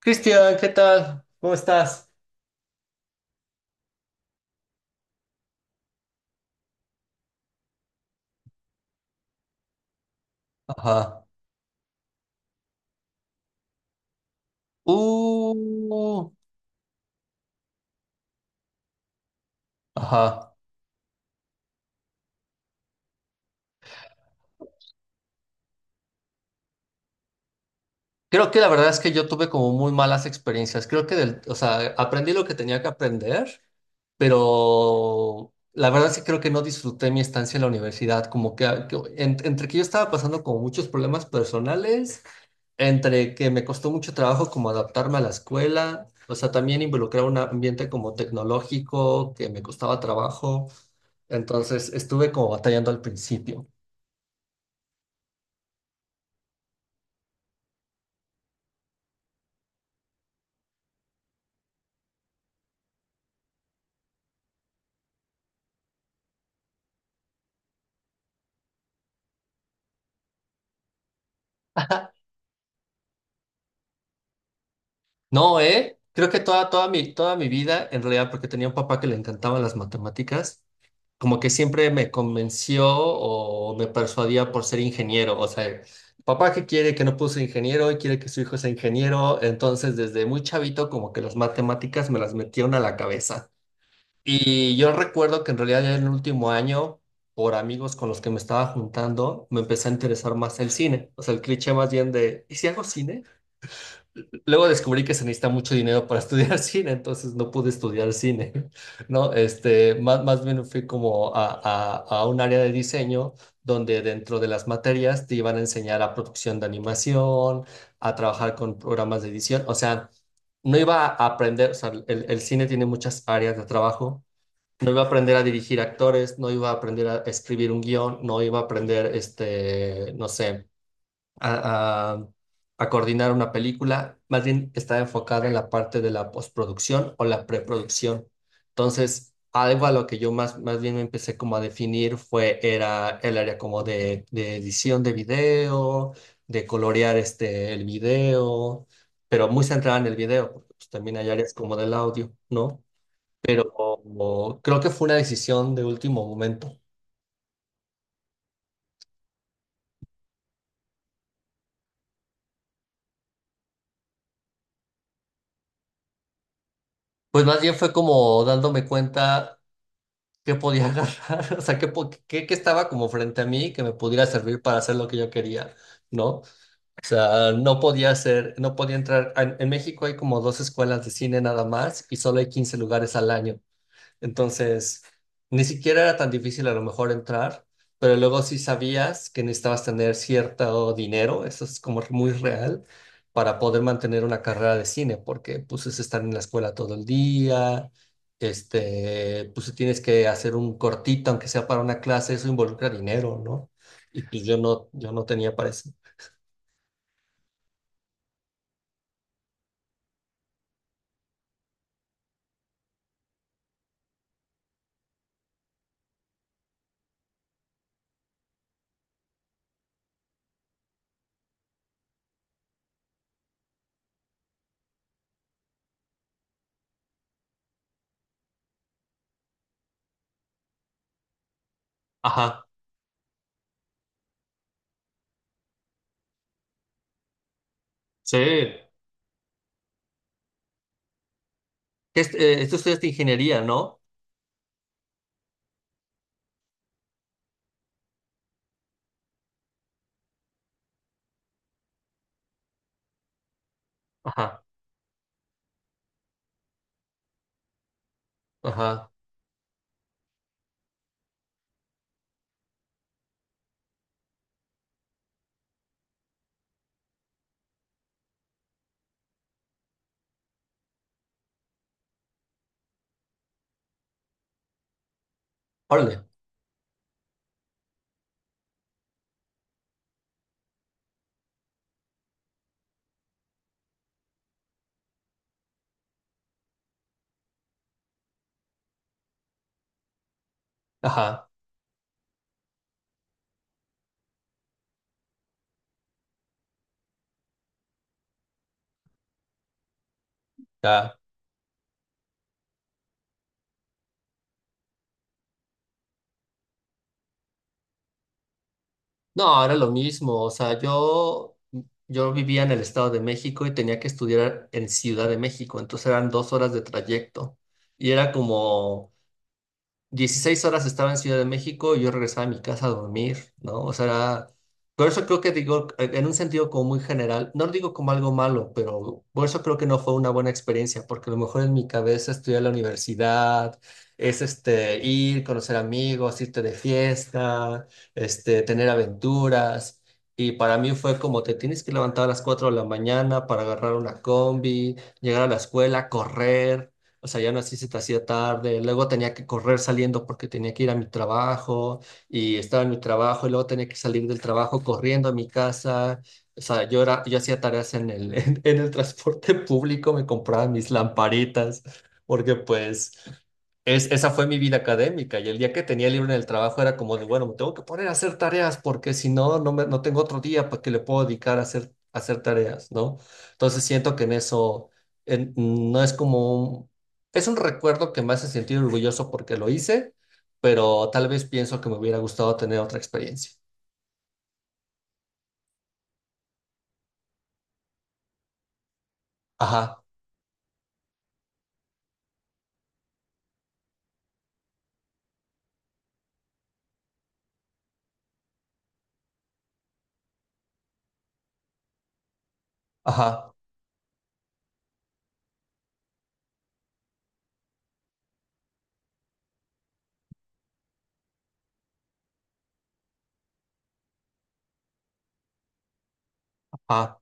Cristian, ¿qué tal? ¿Cómo estás? Ajá. Uh, ajá. Creo que la verdad es que yo tuve como muy malas experiencias. Creo que del, o sea, aprendí lo que tenía que aprender, pero la verdad es que creo que no disfruté mi estancia en la universidad. Como que, ah, que entre que yo estaba pasando como muchos problemas personales, entre que me costó mucho trabajo como adaptarme a la escuela, o sea, también involucrar un ambiente como tecnológico que me costaba trabajo. Entonces estuve como batallando al principio. No, ¿eh? Creo que toda, toda mi vida, en realidad, porque tenía un papá que le encantaban las matemáticas, como que siempre me convenció o me persuadía por ser ingeniero. O sea, papá que quiere que no puso ingeniero y quiere que su hijo sea ingeniero. Entonces, desde muy chavito, como que las matemáticas me las metieron a la cabeza. Y yo recuerdo que en realidad ya en el último año, por amigos con los que me estaba juntando, me empecé a interesar más el cine. O sea, el cliché más bien de, ¿y si hago cine? Luego descubrí que se necesita mucho dinero para estudiar cine, entonces no pude estudiar cine, ¿no? Este, más bien fui como a un área de diseño donde dentro de las materias te iban a enseñar a producción de animación, a trabajar con programas de edición. O sea, no iba a aprender, o sea, el cine tiene muchas áreas de trabajo, no iba a aprender a dirigir actores, no iba a aprender a escribir un guión, no iba a aprender, este, no sé, a, a- a coordinar una película. Más bien estaba enfocada en la parte de la postproducción o la preproducción. Entonces, algo a lo que yo más bien me empecé como a definir fue, era el área como de edición de video, de colorear este, el video, pero muy centrada en el video, porque pues, también hay áreas como del audio, ¿no? Pero creo que fue una decisión de último momento. Pues más bien fue como dándome cuenta que podía agarrar, o sea, que, que estaba como frente a mí que me pudiera servir para hacer lo que yo quería, ¿no? O sea, no podía hacer, no podía entrar. En México hay como dos escuelas de cine nada más y solo hay 15 lugares al año. Entonces, ni siquiera era tan difícil a lo mejor entrar, pero luego sí sabías que necesitabas tener cierto dinero, eso es como muy real, para poder mantener una carrera de cine, porque pues es estar en la escuela todo el día, este, pues si tienes que hacer un cortito, aunque sea para una clase, eso involucra dinero, ¿no? Y pues yo no, yo no tenía para eso. Ajá, sí. Este, esto es de ingeniería, ¿no? Ajá, ajá, órale, ajá. Ya. No, era lo mismo, o sea, yo vivía en el Estado de México y tenía que estudiar en Ciudad de México, entonces eran dos horas de trayecto y era como, 16 horas estaba en Ciudad de México y yo regresaba a mi casa a dormir, ¿no? O sea, por eso creo que digo, en un sentido como muy general, no lo digo como algo malo, pero por eso creo que no fue una buena experiencia, porque a lo mejor en mi cabeza estudiar la universidad es este, ir, conocer amigos, irte de fiesta, este, tener aventuras. Y para mí fue como te tienes que levantar a las 4 de la mañana para agarrar una combi, llegar a la escuela, correr. O sea, ya aún así se te hacía tarde, luego tenía que correr saliendo porque tenía que ir a mi trabajo y estaba en mi trabajo y luego tenía que salir del trabajo corriendo a mi casa. O sea, yo era, yo hacía tareas en el, en el transporte público, me compraba mis lamparitas porque pues esa fue mi vida académica y el día que tenía libre en el trabajo era como de, bueno, me tengo que poner a hacer tareas porque si no, no, no tengo otro día para que le puedo dedicar a hacer tareas, ¿no? Entonces siento que en eso no es como es un recuerdo que me hace sentir orgulloso porque lo hice, pero tal vez pienso que me hubiera gustado tener otra experiencia. Ajá, ajá, ajá.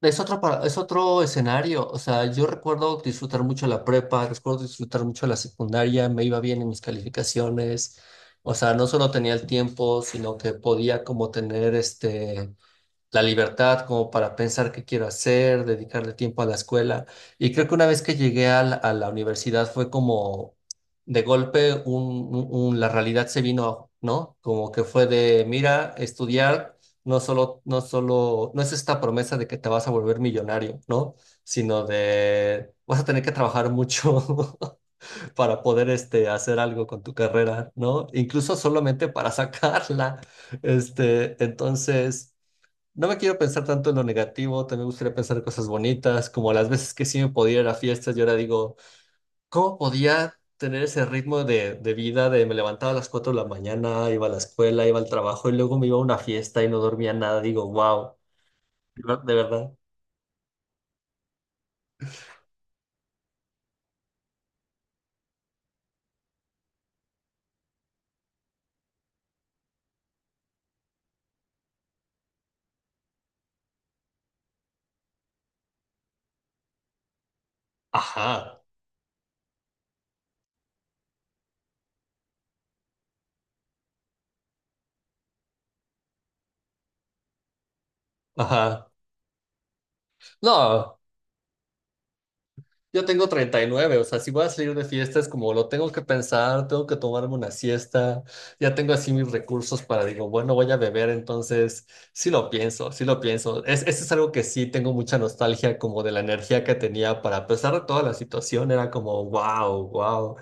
Es otro, es otro escenario. O sea, yo recuerdo disfrutar mucho la prepa, recuerdo disfrutar mucho la secundaria, me iba bien en mis calificaciones. O sea, no solo tenía el tiempo, sino que podía como tener este la libertad como para pensar qué quiero hacer, dedicarle tiempo a la escuela. Y creo que una vez que llegué a la universidad fue como de golpe la realidad se vino, ¿no? Como que fue de, mira, estudiar no solo, no es esta promesa de que te vas a volver millonario, ¿no? Sino de, vas a tener que trabajar mucho para poder este, hacer algo con tu carrera, ¿no? Incluso solamente para sacarla. Este, entonces... No me quiero pensar tanto en lo negativo, también me gustaría pensar en cosas bonitas, como las veces que sí me podía ir a fiestas y ahora digo, ¿cómo podía tener ese ritmo de vida de me levantaba a las 4 de la mañana, iba a la escuela, iba al trabajo y luego me iba a una fiesta y no dormía nada? Digo, wow, de verdad. Ajá, ajá. No. Yo tengo 39, o sea, si voy a salir de fiesta es como lo tengo que pensar, tengo que tomarme una siesta, ya tengo así mis recursos para, digo, bueno, voy a beber, entonces sí lo pienso, sí lo pienso. Es, eso es algo que sí tengo mucha nostalgia como de la energía que tenía para, a pesar de toda la situación, era como, wow, wow,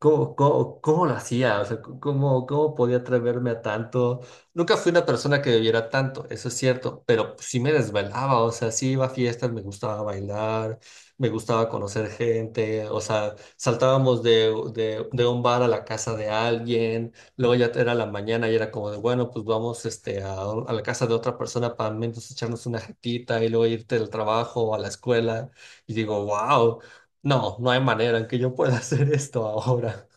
¿cómo, cómo, cómo lo hacía? O sea, ¿cómo, cómo podía atreverme a tanto? Nunca fui una persona que bebiera tanto, eso es cierto, pero pues sí me desvelaba, o sea, sí iba a fiestas, me gustaba bailar, me gustaba conocer gente, o sea, saltábamos de un bar a la casa de alguien, luego ya era la mañana y era como de, bueno, pues vamos este, a la casa de otra persona para al menos echarnos una jetita y luego irte al trabajo o a la escuela. Y digo, wow, no, no hay manera en que yo pueda hacer esto ahora.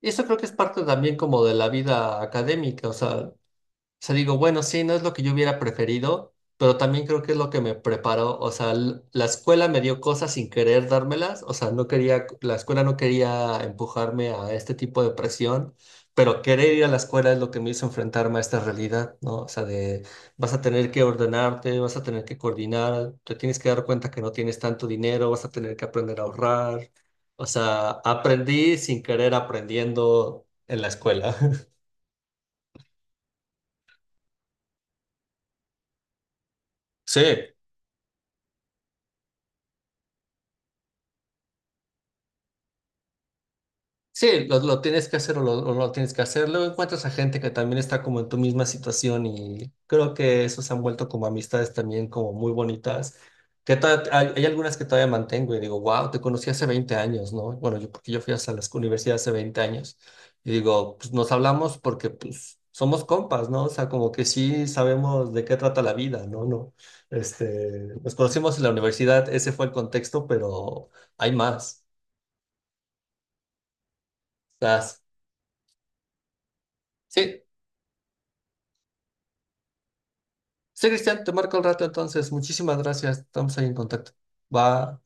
Y eso creo que es parte también como de la vida académica, o sea, O sea, digo, bueno, sí, no es lo que yo hubiera preferido, pero también creo que es lo que me preparó. O sea, la escuela me dio cosas sin querer dármelas. O sea, no quería, la escuela no quería empujarme a este tipo de presión, pero querer ir a la escuela es lo que me hizo enfrentarme a esta realidad, ¿no? O sea, de vas a tener que ordenarte, vas a tener que coordinar, te tienes que dar cuenta que no tienes tanto dinero, vas a tener que aprender a ahorrar. O sea, aprendí sin querer aprendiendo en la escuela. Sí. Sí, lo tienes que hacer o no tienes que hacer. Luego encuentras a gente que también está como en tu misma situación y creo que eso se han vuelto como amistades también como muy bonitas. Que hay, hay algunas que todavía mantengo y digo, wow, te conocí hace 20 años, ¿no? Bueno, yo porque yo fui hasta la universidad hace 20 años y digo, pues nos hablamos porque pues somos compas, ¿no? O sea, como que sí sabemos de qué trata la vida, ¿no? No, este, nos conocimos en la universidad, ese fue el contexto, pero hay más. O sea, sí, sí, Cristian, te marco el rato entonces. Muchísimas gracias. Estamos ahí en contacto. Va.